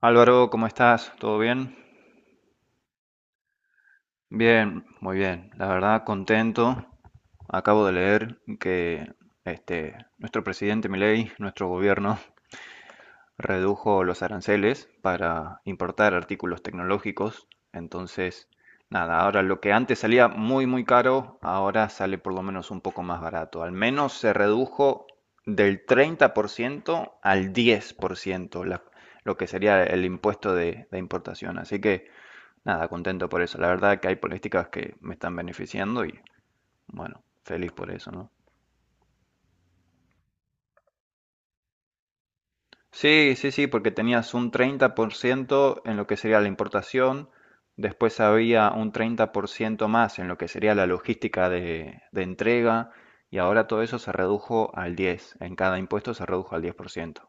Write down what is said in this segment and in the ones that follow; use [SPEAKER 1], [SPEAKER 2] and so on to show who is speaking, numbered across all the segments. [SPEAKER 1] Álvaro, ¿cómo estás? ¿Todo bien? Bien, muy bien. La verdad, contento. Acabo de leer que nuestro presidente Milei, nuestro gobierno, redujo los aranceles para importar artículos tecnológicos. Entonces, nada, ahora lo que antes salía muy, muy caro, ahora sale por lo menos un poco más barato. Al menos se redujo del 30% al 10%, lo que sería el impuesto de importación. Así que. Nada, contento por eso. La verdad que hay políticas que me están beneficiando y bueno, feliz por eso, ¿no? Sí, sí, sí, porque tenías un 30% en lo que sería la importación, después había un 30% más en lo que sería la logística de entrega, y ahora todo eso se redujo al 10%, en cada impuesto se redujo al 10%.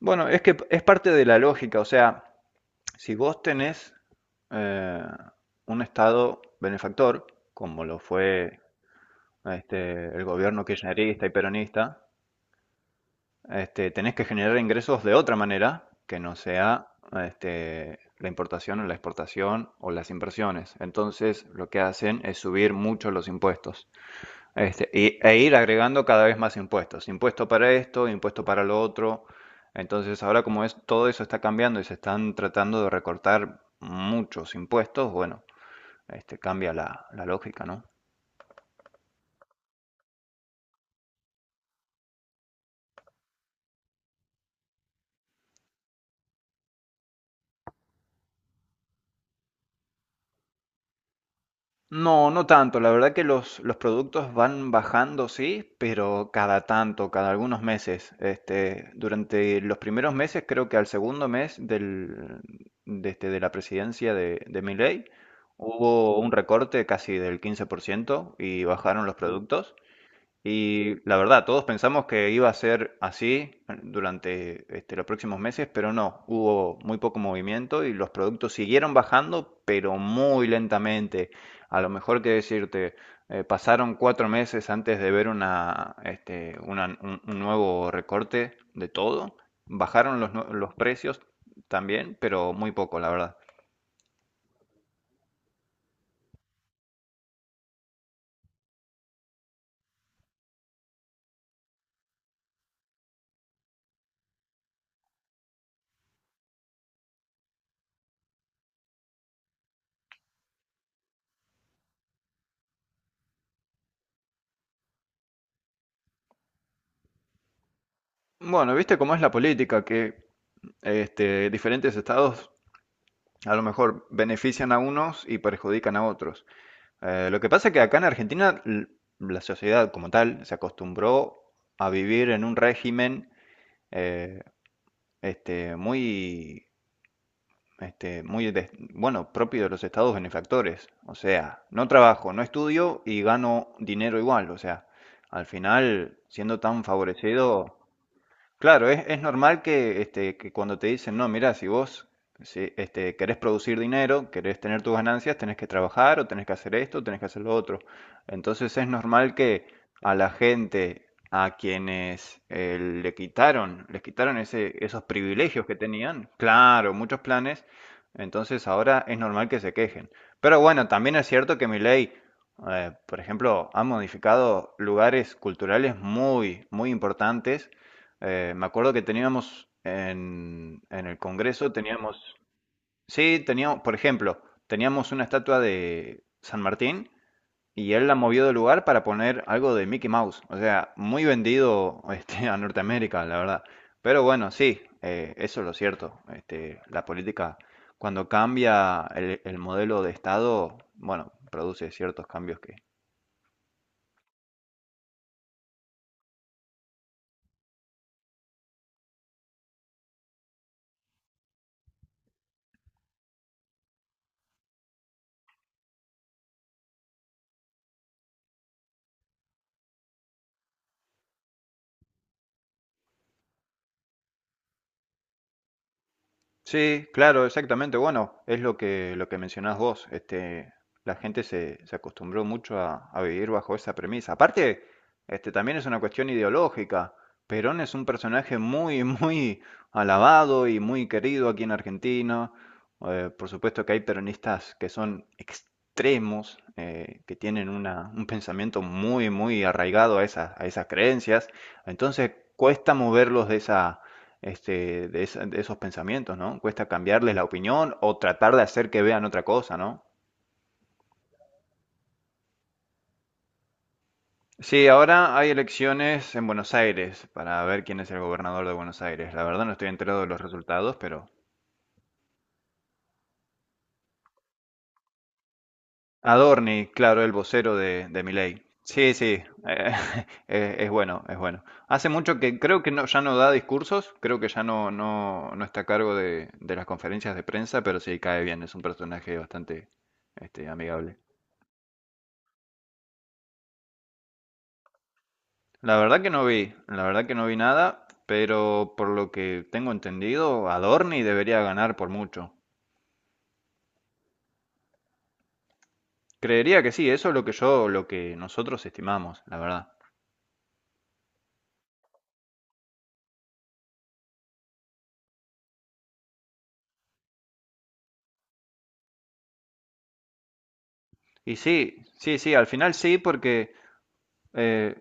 [SPEAKER 1] Bueno, es que es parte de la lógica. O sea, si vos tenés eh, un estado benefactor, como lo fue el gobierno kirchnerista y peronista, tenés que generar ingresos de otra manera que no sea la importación o la exportación o las inversiones. Entonces, lo que hacen es subir mucho los impuestos e ir agregando cada vez más impuestos. Impuesto para esto, impuesto para lo otro. Entonces, ahora como es, todo eso está cambiando y se están tratando de recortar muchos impuestos. Bueno, cambia la lógica, ¿no? No, no tanto. La verdad que los productos van bajando, sí, pero cada tanto, cada algunos meses. Durante los primeros meses, creo que al segundo mes de la presidencia de Milei, hubo un recorte casi del 15% y bajaron los productos. Y la verdad, todos pensamos que iba a ser así durante los próximos meses, pero no, hubo muy poco movimiento y los productos siguieron bajando, pero muy lentamente. A lo mejor, que decirte, pasaron 4 meses antes de ver una, este, una- un nuevo recorte de todo. Bajaron los precios también, pero muy poco, la verdad. Bueno, viste cómo es la política, que diferentes estados a lo mejor benefician a unos y perjudican a otros. Lo que pasa es que acá en Argentina la sociedad como tal se acostumbró a vivir en un régimen eh, muy, muy bueno, propio de los estados benefactores. O sea, no trabajo, no estudio y gano dinero igual. O sea, al final, siendo tan favorecido, claro, es normal que, que cuando te dicen, no, mira, si vos si, este, querés producir dinero, querés tener tus ganancias, tenés que trabajar o tenés que hacer esto, tenés que hacer lo otro. Entonces es normal que a la gente a quienes le quitaron, les quitaron ese, esos privilegios que tenían, claro, muchos planes. Entonces ahora es normal que se quejen. Pero bueno, también es cierto que mi ley por ejemplo, ha modificado lugares culturales muy, muy importantes. Me acuerdo que teníamos en el Congreso, teníamos, sí, teníamos, por ejemplo, teníamos una estatua de San Martín y él la movió de lugar para poner algo de Mickey Mouse. O sea, muy vendido a Norteamérica, la verdad. Pero bueno, sí, eso es lo cierto. La política, cuando cambia el modelo de Estado, bueno, produce ciertos cambios que. Sí, claro, exactamente. Bueno, es lo que mencionás vos. La gente se acostumbró mucho a vivir bajo esa premisa. Aparte, también es una cuestión ideológica. Perón es un personaje muy, muy alabado y muy querido aquí en Argentina. Por supuesto que hay peronistas que son extremos, que tienen una, un pensamiento muy, muy arraigado a esas creencias. Entonces, cuesta moverlos de esa de esos pensamientos, ¿no? Cuesta cambiarles la opinión o tratar de hacer que vean otra cosa, ¿no? Sí, ahora hay elecciones en Buenos Aires para ver quién es el gobernador de Buenos Aires. La verdad, no estoy enterado de los resultados, pero. Adorni, claro, el vocero de Milei. Sí, sí, eh, es bueno, es bueno. Hace mucho que creo que no, ya no da discursos, creo que ya no, no, está a cargo de las conferencias de prensa, pero sí cae bien, es un personaje bastante amigable. La verdad que no vi, la verdad que no vi nada, pero por lo que tengo entendido, Adorni debería ganar por mucho. Creería que sí, eso es lo que yo, lo que nosotros estimamos, la verdad. Y sí, sí, sí, al final sí, porque eh,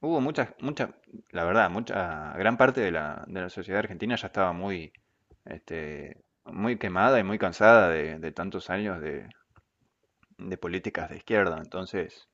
[SPEAKER 1] hubo muchas, muchas, la verdad, mucha, gran parte de de la sociedad argentina ya estaba muy, muy quemada y muy cansada de tantos años de políticas de izquierda. Entonces,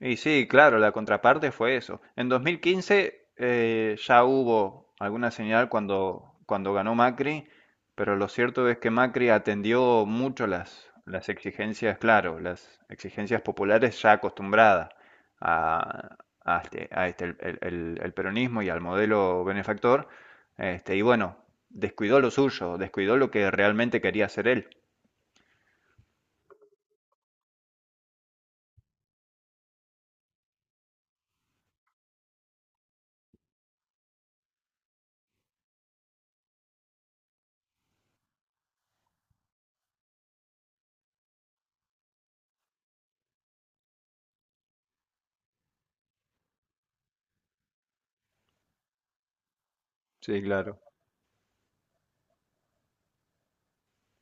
[SPEAKER 1] y sí, claro, la contraparte fue eso. En 2015 ya hubo alguna señal cuando, cuando ganó Macri, pero lo cierto es que Macri atendió mucho las exigencias, claro, las exigencias populares ya acostumbradas a, a el peronismo y al modelo benefactor. Y bueno, descuidó lo suyo, descuidó lo que realmente quería hacer él. Sí, claro.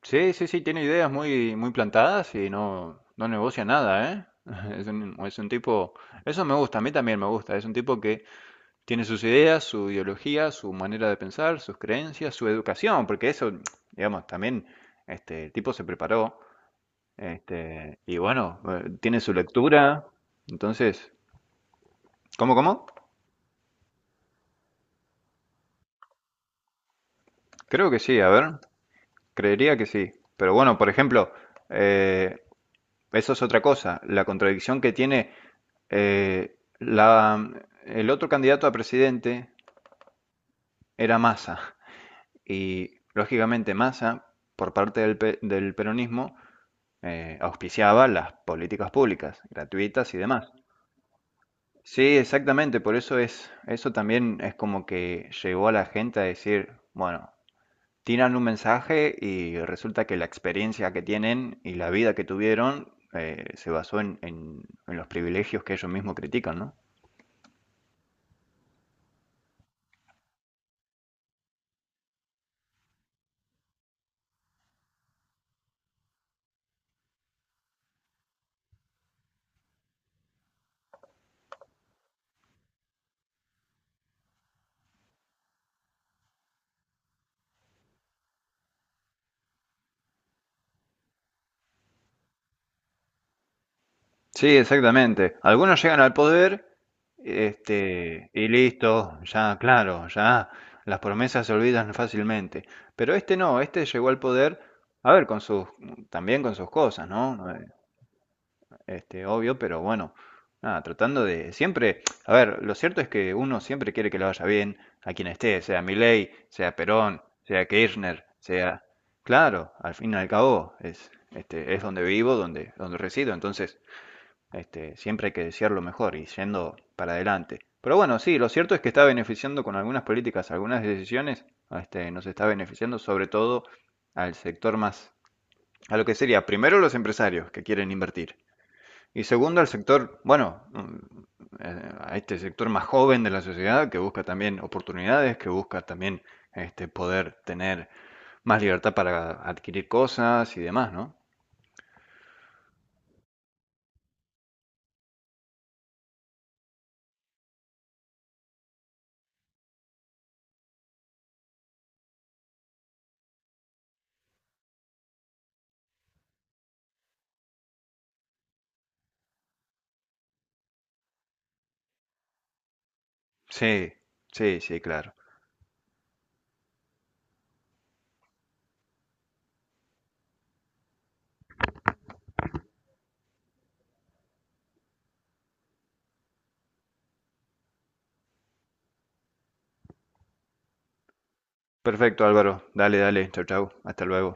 [SPEAKER 1] Sí, sí, sí, tiene ideas muy, muy plantadas y no, no negocia nada, ¿eh? Es un tipo, eso me gusta, a mí también me gusta, es un tipo que tiene sus ideas, su ideología, su manera de pensar, sus creencias, su educación, porque eso, digamos, también, el tipo se preparó, tiene su lectura. Entonces, ¿cómo, cómo? Creo que sí, a ver, creería que sí, pero bueno, por ejemplo, eh, eso es otra cosa. La contradicción que tiene eh, la, el otro candidato a presidente era Massa. Y lógicamente Massa, por parte del peronismo, auspiciaba las políticas públicas, gratuitas y demás. Sí, exactamente. Por eso es, eso también es como que llegó a la gente a decir, bueno, tiran un mensaje y resulta que la experiencia que tienen y la vida que tuvieron se basó en, en los privilegios que ellos mismos critican, ¿no? Sí, exactamente. Algunos llegan al poder, y listo, ya, claro, ya las promesas se olvidan fácilmente. Pero este no, este llegó al poder, a ver, con sus, también con sus cosas, ¿no? Obvio, pero bueno, nada, tratando de siempre. A ver, lo cierto es que uno siempre quiere que le vaya bien a quien esté, sea Milei, sea Perón, sea Kirchner, sea, claro, al fin y al cabo es, es donde vivo, donde, donde resido. Entonces, siempre hay que desear lo mejor y yendo para adelante. Pero bueno, sí, lo cierto es que está beneficiando con algunas políticas, algunas decisiones, nos está beneficiando sobre todo al sector más, a lo que sería primero los empresarios que quieren invertir. Y segundo, al sector, bueno, a este sector más joven de la sociedad que busca también oportunidades, que busca también poder tener más libertad para adquirir cosas y demás, ¿no? Sí, sí, sí, claro. Perfecto, Álvaro. Dale, dale. Chau, chau. Hasta luego.